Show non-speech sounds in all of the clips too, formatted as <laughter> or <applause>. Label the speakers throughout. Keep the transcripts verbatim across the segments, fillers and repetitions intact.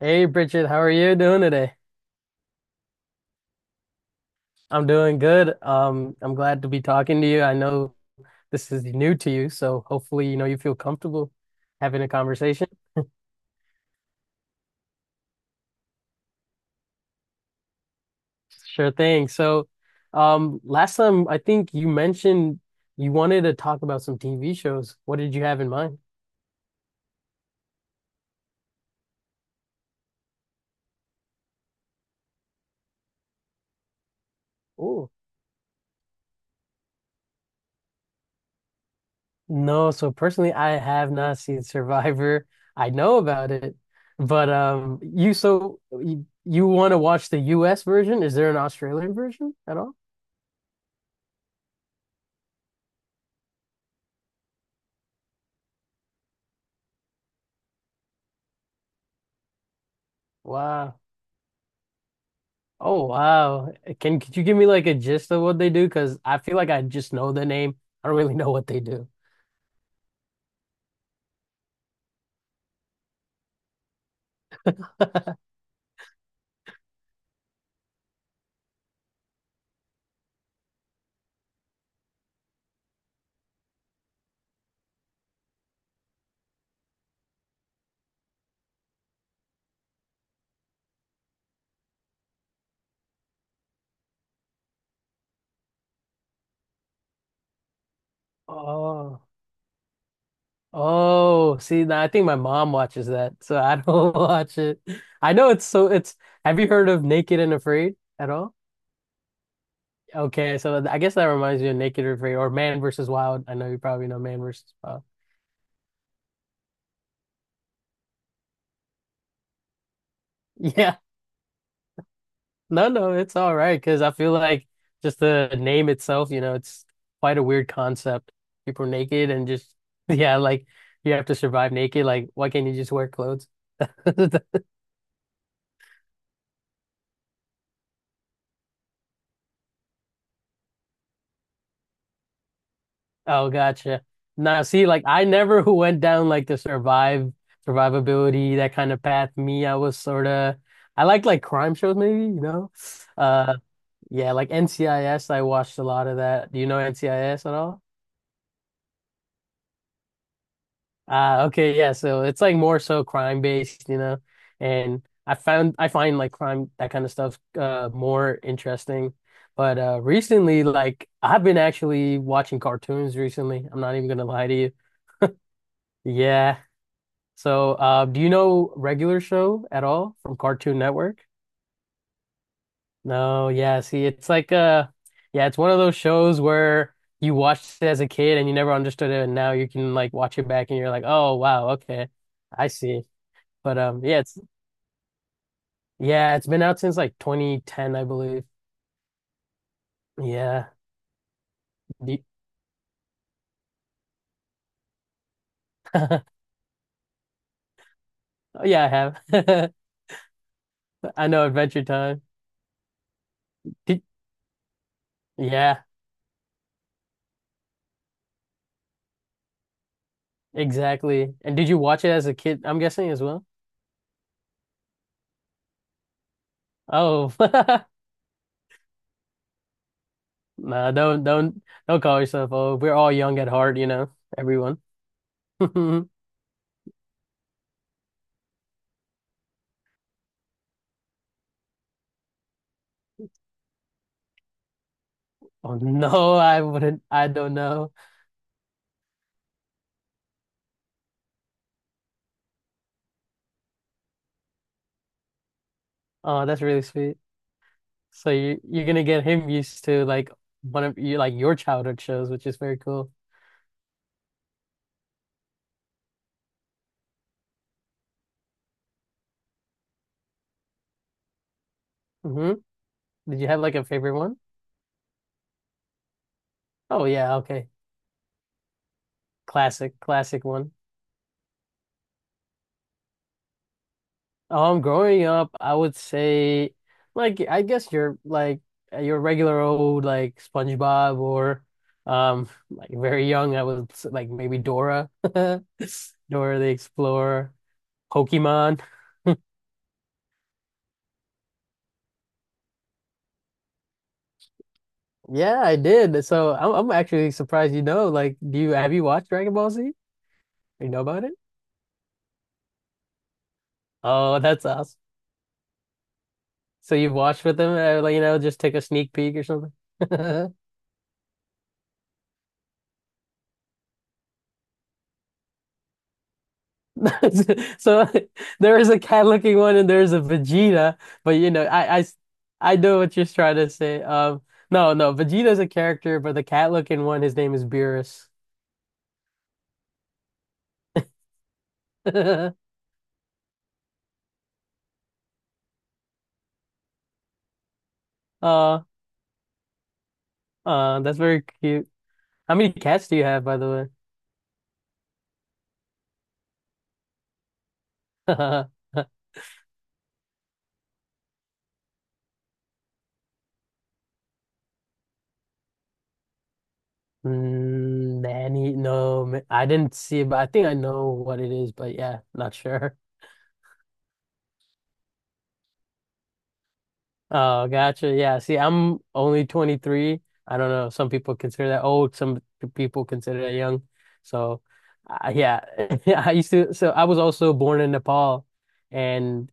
Speaker 1: Hey Bridget, how are you doing today? I'm doing good. Um, I'm glad to be talking to you. I know this is new to you, so hopefully, you know, you feel comfortable having a conversation. Sure thing. So, um, last time I think you mentioned you wanted to talk about some T V shows. What did you have in mind? Oh, no. So personally, I have not seen Survivor. I know about it, but um, you so you, you want to watch the U S version? Is there an Australian version at all? Wow. Oh wow. Can could you give me like a gist of what they do? Because I feel like I just know the name. I don't really know what they do. Oh. Oh, see, now I think my mom watches that, so I don't <laughs> watch it. I know it's so it's have you heard of Naked and Afraid at all? Okay, so I guess that reminds me of Naked and Afraid or Man versus Wild. I know you probably know Man versus Wild. <laughs> Yeah. No, no, it's all right because I feel like just the name itself, you know, it's quite a weird concept. People are naked and just, <laughs> yeah, like you have to survive naked. Like, why can't you just wear clothes? <laughs> Oh, gotcha. Now, see, like I never <laughs> who went down like the survive survivability that kind of path. Me, I was sort of I liked like crime shows, maybe, you know. Uh, yeah, like N C I S, I S. I watched a lot of that. Do you know N C I S at all? Ah, okay, yeah. So it's like more so crime based, you know. And I found I find like crime that kind of stuff uh more interesting. But uh recently like I've been actually watching cartoons recently. I'm not even gonna lie to you. Yeah. So uh do you know Regular Show at all from Cartoon Network? No, yeah, see it's like uh yeah, it's one of those shows where you watched it as a kid and you never understood it and now you can like watch it back and you're like, "Oh, wow, okay. I see." But um, yeah, it's yeah, it's been out since like twenty ten, I believe. Yeah, Do- <laughs> Oh, yeah, I have. <laughs> I know Adventure Time. Did, yeah, exactly. And did you watch it as a kid? I'm guessing as well. Oh, <laughs> no, don't don't don't call yourself old. We're all young at heart, you know, everyone. <laughs> Oh no, I wouldn't. I don't know. Oh, that's really sweet. So you you're gonna get him used to like one of you like your childhood shows, which is very cool. Hmm. Did you have like a favorite? Oh yeah, okay. Classic, classic one. Um, growing up, I would say, like, I guess you're like your regular old like SpongeBob or, um, <laughs> like very young. I was like maybe Dora, <laughs> Dora the Explorer, Pokemon. Yeah, I did. So I'm I'm actually surprised you know. Like, do you have you watched Dragon Ball Z? You know about it? Oh, that's awesome. So you've watched with them, uh, like you know, just take a sneak peek or something. <laughs> <laughs> So <laughs> there is a cat looking one and there's a Vegeta, but you know, I, I s- I know what you're trying to say. Um, no, no, Vegeta's a character, but the cat looking one, his name is Beerus. <laughs> Uh, uh, that's very cute. How many cats do you have, by the way? <laughs> Mm, Nanny, no, ma- I didn't see it, but I think I know what it is, but yeah, not sure. Oh, gotcha. Yeah. See, I'm only twenty-three. I don't know. Some people consider that old. Some people consider that young. So, uh, yeah. <laughs> I used to. So I was also born in Nepal, and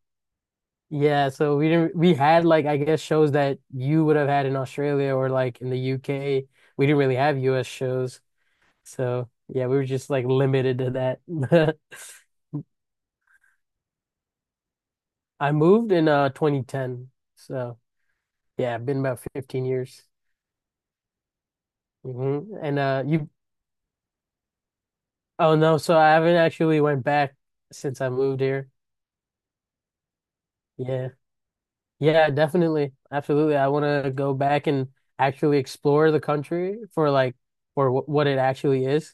Speaker 1: yeah. So we didn't. We had like I guess shows that you would have had in Australia or like in the U K. We didn't really have U S shows. So yeah, we were just like limited to that. <laughs> I moved in uh twenty ten. So yeah, I've been about fifteen years. Hmm. And uh, you Oh no, so I haven't actually went back since I moved here. Yeah. Yeah, definitely. Absolutely. I want to go back and actually explore the country for like for wh what it actually is.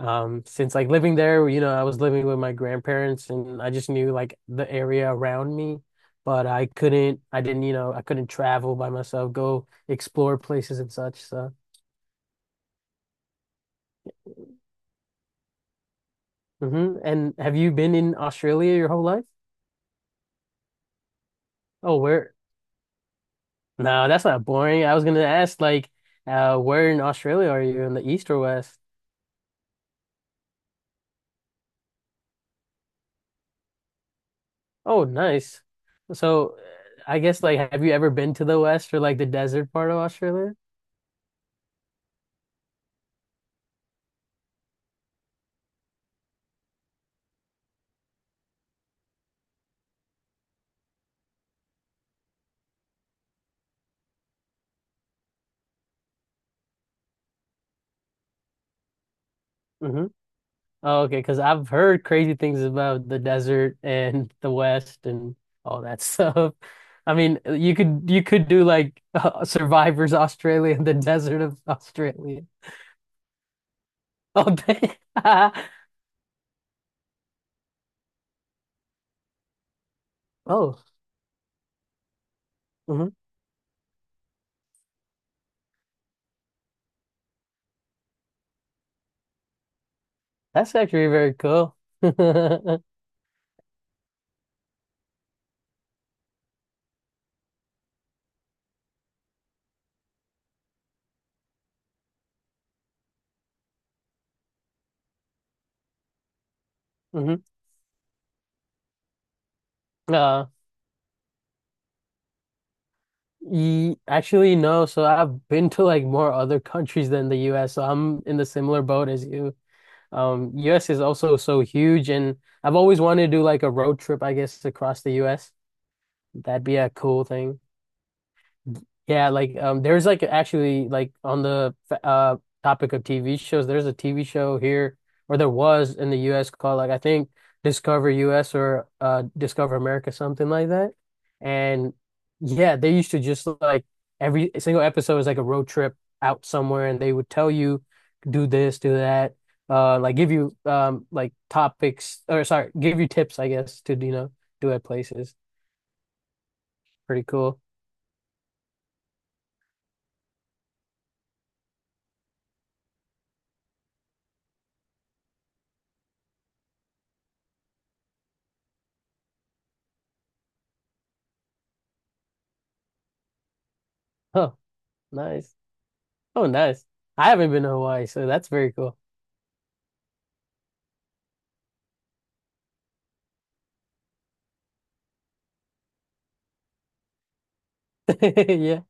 Speaker 1: Um, since like living there, you know, I was living with my grandparents and I just knew like the area around me, but I couldn't I didn't, you know, I couldn't travel by myself, go explore places and such. So, hmm. And have you been in Australia your whole life? Oh, where? No, that's not boring. I was gonna ask like uh where in Australia are you? In the east or west? Oh, nice. So uh, I guess like have you ever been to the west or like the desert part of Australia? Hmm. Oh, okay, because I've heard crazy things about the desert and the West and all that <laughs> stuff. I mean, uh, you could you could do like <laughs> uh, Survivors Australia and the desert of Australia. Oh, <laughs> dang. Oh, mhm. That's actually very cool. <laughs> Hmm. Uh, ye- actually, no. So I've been to like more other countries than the U S. So I'm in the similar boat as you. Um, U S is also so huge, and I've always wanted to do like a road trip, I guess, across the U S. That'd be a cool thing. Yeah, like um there's like actually like on the uh topic of T V shows, there's a T V show here or there was in the U S called like I think Discover U S or uh Discover America something like that. And yeah, they used to just like every single episode was like a road trip out somewhere and they would tell you do this, do that, uh like give you um like topics or sorry, give you tips I guess to you know do at places. Pretty cool. Oh, nice. Oh, nice. I haven't been to Hawaii, so that's very cool. <laughs> Yeah.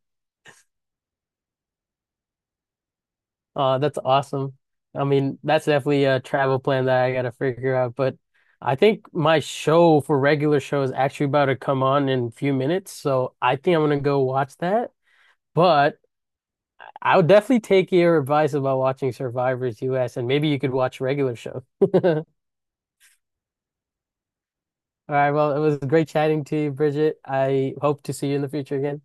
Speaker 1: Uh, that's awesome. I mean, that's definitely a travel plan that I gotta figure out. But I think my show for regular show is actually about to come on in a few minutes, so I think I'm gonna go watch that. But I would definitely take your advice about watching Survivors U S, and maybe you could watch regular show. <laughs> All right, well, it was great chatting to you, Bridget. I hope to see you in the future again.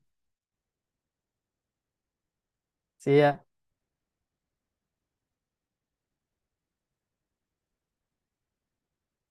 Speaker 1: See ya.